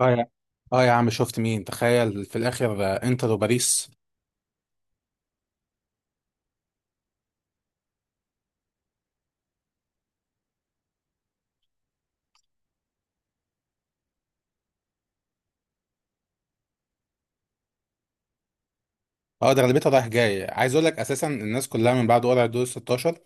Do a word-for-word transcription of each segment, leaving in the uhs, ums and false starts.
اه يا اه يا عم، شفت مين؟ تخيل في الاخر، آه، انتر وباريس. اه، ده غالبيتها رايح جاي، عايز اقول لك اساسا الناس كلها من بعد قرعه دور ستاشر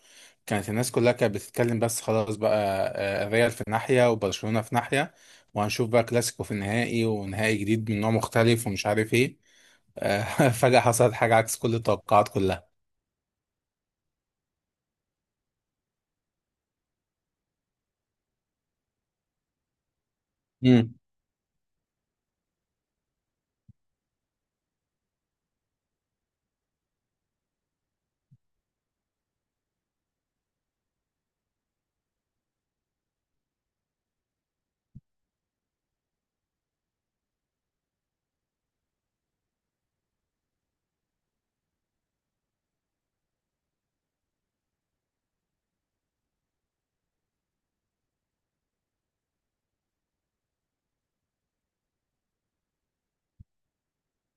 كانت الناس كلها كانت بتتكلم، بس خلاص بقى. آه، الريال في ناحيه وبرشلونه في ناحيه، وهنشوف بقى كلاسيكو في النهائي ونهائي جديد من نوع مختلف ومش عارف ايه. آه، فجاه حصلت حاجه عكس كل التوقعات كلها.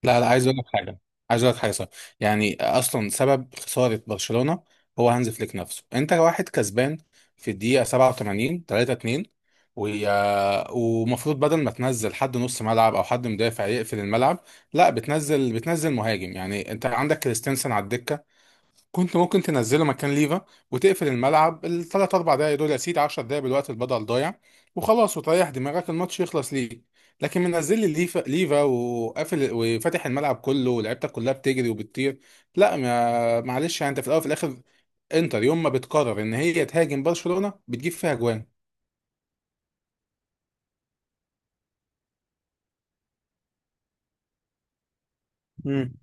لا، لا، عايز اقول لك حاجه، عايز اقول لك حاجه صح. يعني اصلا سبب خساره برشلونه هو هانز فليك نفسه. انت واحد كسبان في الدقيقه سبعه وتمانين تلاته اتنين، ويا- ومفروض بدل ما تنزل حد نص ملعب او حد مدافع يقفل الملعب، لا، بتنزل بتنزل مهاجم. يعني انت عندك كريستنسن على الدكه، كنت ممكن تنزله مكان ليفا وتقفل الملعب الثلاث اربع دقايق دول، يا سيدي عشر دقايق بالوقت البدل ضايع، وخلاص، وتريح دماغك الماتش يخلص ليك. لكن منزل لي ليفا، ليفا، وقافل وفاتح الملعب كله ولعيبتك كلها بتجري وبتطير. لا، ما معلش. يعني انت في الاول وفي الاخر، انتر يوم ما بتقرر ان هي تهاجم برشلونة بتجيب فيها جوان. مم.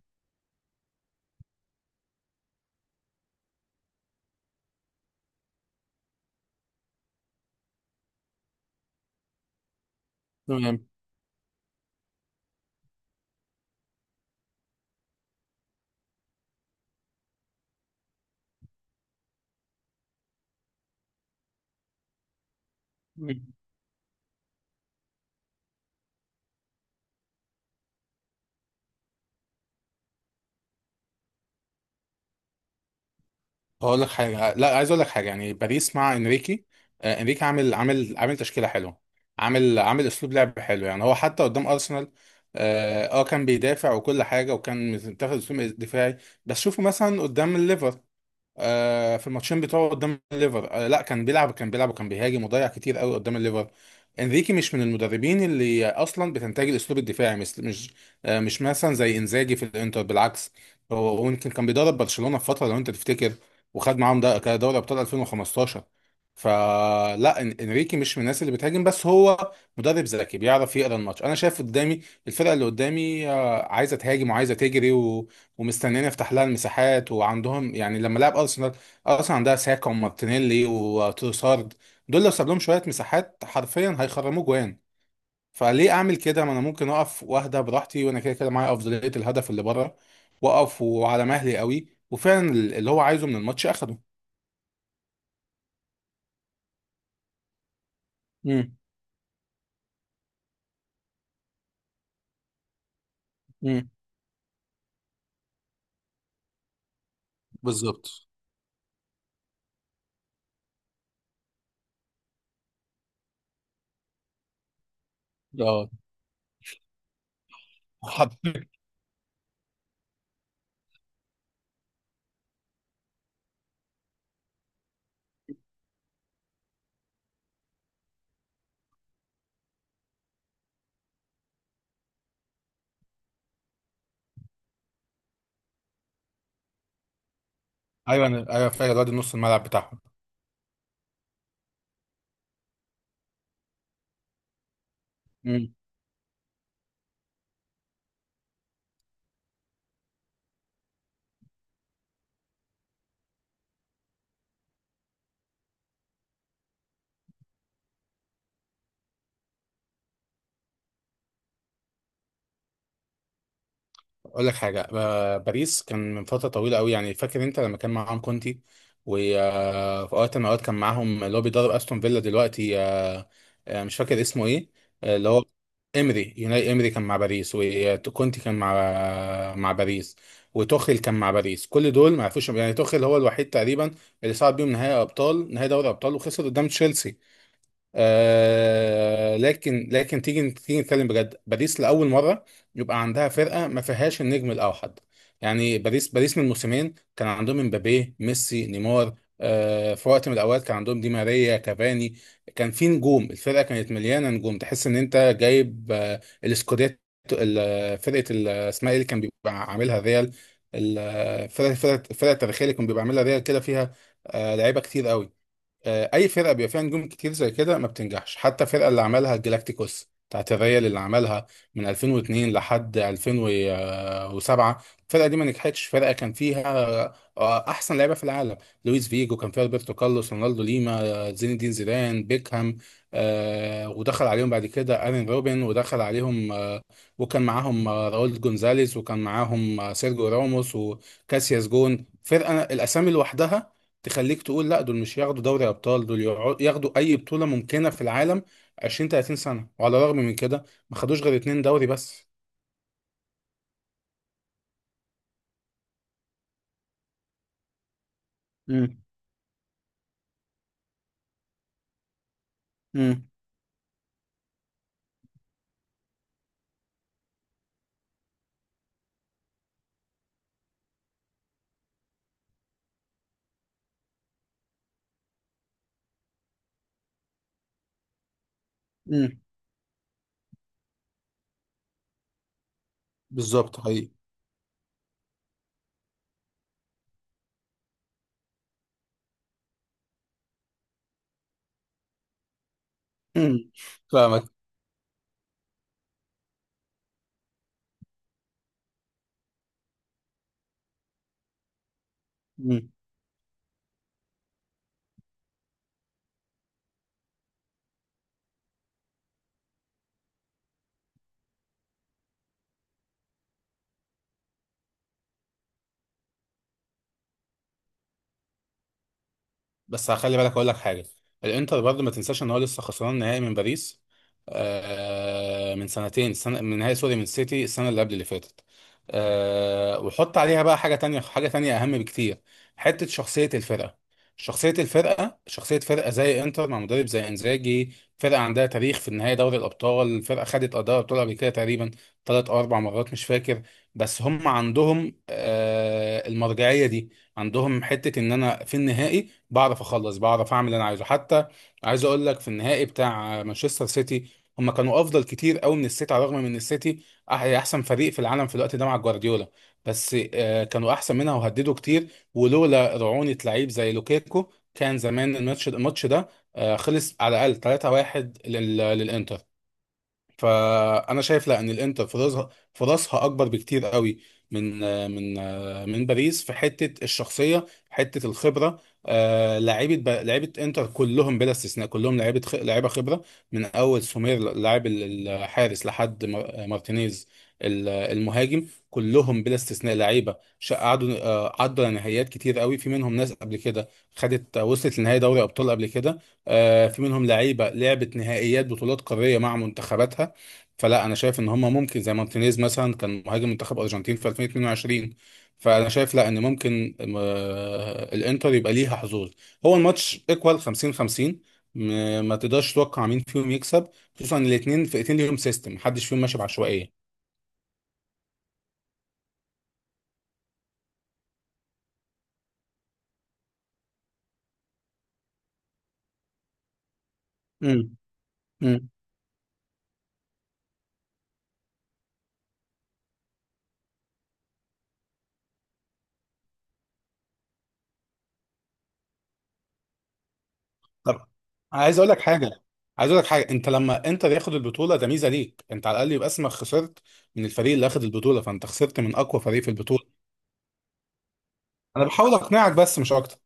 تمام. اقول لك حاجه، لا، عايز اقول لك حاجه. يعني باريس مع انريكي، آه، انريكي عامل عامل عامل تشكيله حلوه، عامل عامل اسلوب لعب حلو. يعني هو حتى قدام ارسنال، اه آه، كان بيدافع وكل حاجه، وكان متاخد اسلوب دفاعي. بس شوفوا مثلا قدام الليفر، آه، في الماتشين بتوعه قدام الليفر، آه، لا، كان بيلعب كان بيلعب وكان بيهاجم، وضيع كتير قوي قدام الليفر. انريكي مش من المدربين اللي اصلا بتنتج الاسلوب الدفاعي، مثل مش آه، مش مثلا زي انزاجي في الانتر، بالعكس. هو هو يمكن كان بيدرب برشلونة في فترة، لو انت تفتكر، وخد معاهم ده كان دوري ابطال الفين وخمستاشر. فلا، إن- انريكي مش من الناس اللي بتهاجم، بس هو مدرب ذكي بيعرف يقرا الماتش. انا شايف قدامي الفرقه اللي قدامي آه، عايزه تهاجم وعايزه تجري ومستنيين يفتح لها المساحات، وعندهم يعني لما لعب ارسنال، ارسنال عندها ساكا ومارتينيلي وتروسارد، دول لو ساب لهم شويه مساحات حرفيا هيخرموا جوان. فليه اعمل كده؟ ما انا ممكن اقف واهدى براحتي، وانا كده كده معايا افضليه الهدف اللي بره، واقف وعلى مهلي قوي، وفعلا اللي هو عايزه من الماتش اخده. امم. امم. بالظبط. اه. حرفياً. ايوه، انا ايوه فاكر الواد نص الملعب بتاعهم. امم. اقول لك حاجه، ب- باريس كان من فتره طويله قوي، يعني فاكر انت لما كان معاهم كونتي؟ في وقت من الأوقات كان معاهم اللي هو بيدرب أستون فيلا دلوقتي، آه، آه، مش فاكر اسمه إيه، آه، اللي هو إمري، يوناي إمري كان مع باريس، وكونتي كان مع، مع باريس، وتوخيل كان مع باريس. كل دول ما عرفوش. يعني توخيل هو الوحيد تقريبا اللي صعد بيهم نهائي أبطال، نهائي دوري أبطال، وخسر قدام تشيلسي. آه، لكن لكن تيجي تيجي نتكلم بجد، باريس لاول مره يبقى عندها فرقه ما فيهاش النجم الاوحد. يعني باريس باريس من موسمين كان عندهم امبابي ميسي نيمار، آه في وقت من الاوقات كان عندهم دي ماريا كافاني. كان في نجوم، الفرقه كانت مليانه نجوم، تحس ان انت جايب آه الاسكوديتو. ال- فرقه ال- اسمها ايه اللي كان بيبقى عاملها ريال، الفرقه الفرقه الفرقة التاريخيه اللي كان بيبقى عاملها ريال كده، فيها آه لعيبه كتير قوي. آه، اي فرقه بيبقى فيها نجوم كتير زي كده ما بتنجحش. حتى الفرقه اللي عملها الجلاكتيكوس بتاعت الريال، اللي عملها من الفين واتنين لحد الفين وسبعه، الفرقه دي ما نجحتش. فرقه كان فيها آه، احسن لعيبه في العالم، لويس فيجو كان فيها، روبرتو كارلوس، رونالدو ليما، آه، زين الدين زيدان، بيكهام، آه، ودخل عليهم بعد كده ارين روبن، ودخل عليهم آه، وكان معاهم آه، راؤول جونزاليز، وكان معاهم آه، سيرجيو راموس وكاسياس. جون، فرقه الاسامي لوحدها تخليك تقول لا دول مش ياخدوا دوري ابطال، دول يقعدوا- ياخدوا اي بطوله ممكنه في العالم عشرين تلاتين سنه. وعلى الرغم من كده ما خدوش غير اتنين دوري بس. مم. مم. مم. بالظبط. حقيقي. مم. فاهمك. مم. بس هخلي بالك، اقول لك حاجه، الانتر برضه ما تنساش ان هو لسه خسران نهائي من باريس آه من سنتين سنة، من نهائي سوري، من سيتي السنه اللي قبل اللي فاتت. آه، وحط عليها بقى حاجه تانية، حاجه تانية اهم بكتير، حته شخصيه الفرقه. شخصيه الفرقه، شخصيه فرقه زي انتر مع مدرب زي انزاجي، فرقه عندها تاريخ في النهائي دوري الابطال، فرقه خدت اداء ابطال قبل كده تقريبا ثلاث او اربع مرات مش فاكر. بس هم عندهم آه المرجعيه دي، عندهم حته ان انا في النهائي بعرف اخلص، بعرف اعمل اللي انا عايزه. حتى عايز اقول لك في النهائي بتاع مانشستر سيتي، هم كانوا افضل كتير قوي من السيتي، على الرغم من ان السيتي أح- يعني احسن فريق في العالم في الوقت ده مع جوارديولا، بس آه، كانوا احسن منها وهددوا كتير. ولولا رعونة لعيب زي لوكيكو كان زمان الماتش الماتش ده آه، خلص على الاقل تلاته واحد لل- للانتر. فانا شايف لا، ان الانتر فرصها فرصها اكبر بكتير قوي، من من من باريس، في حته الشخصيه، حته الخبره. آه، لعيبه ب- لعيبه انتر كلهم بلا استثناء، كلهم لعيبه خ- لعيبه خبره، من اول سومير لاعب ال- الحارس لحد مار- مارتينيز ال- المهاجم. كلهم بلا استثناء لعيبه شا- قعدوا آه، عدوا نهائيات كتير قوي، في منهم ناس قبل كده خدت، وصلت لنهائي دوري ابطال قبل كده. آه، في منهم لعيبه لعبت نهائيات بطولات قاريه مع منتخباتها. فلا، انا شايف ان هم ممكن، زي مارتينيز مثلا كان مهاجم منتخب ارجنتين في الفين واتنين وعشرين. فانا شايف لا، ان ممكن آه، الانتر يبقى ليها حظوظ. هو الماتش ايكوال خمسين خمسين، م- ما تقدرش تتوقع مين فيهم يكسب، خصوصا ان الاثنين فرقتين ليهم سيستم، محدش فيهم ماشي بعشوائيه. امم. امم. طب، عايز اقول لك حاجه، عايز اقول لك حاجه انت لما انتر ياخد البطوله، ده ميزه ليك انت. على الاقل يبقى اسمك خسرت من الفريق اللي اخد البطوله، فانت خسرت من اقوى فريق في البطوله. انا بحاول اقنعك بس مش اكتر.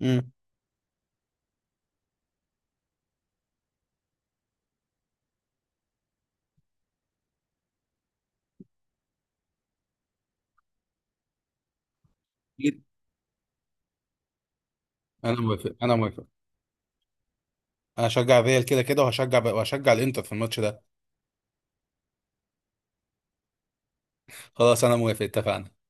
امم. انا موافق انا موافق، انا هشجع الريال كده كده، وهشجع وهشجع الانتر في الماتش ده. خلاص، انا موافق، اتفقنا.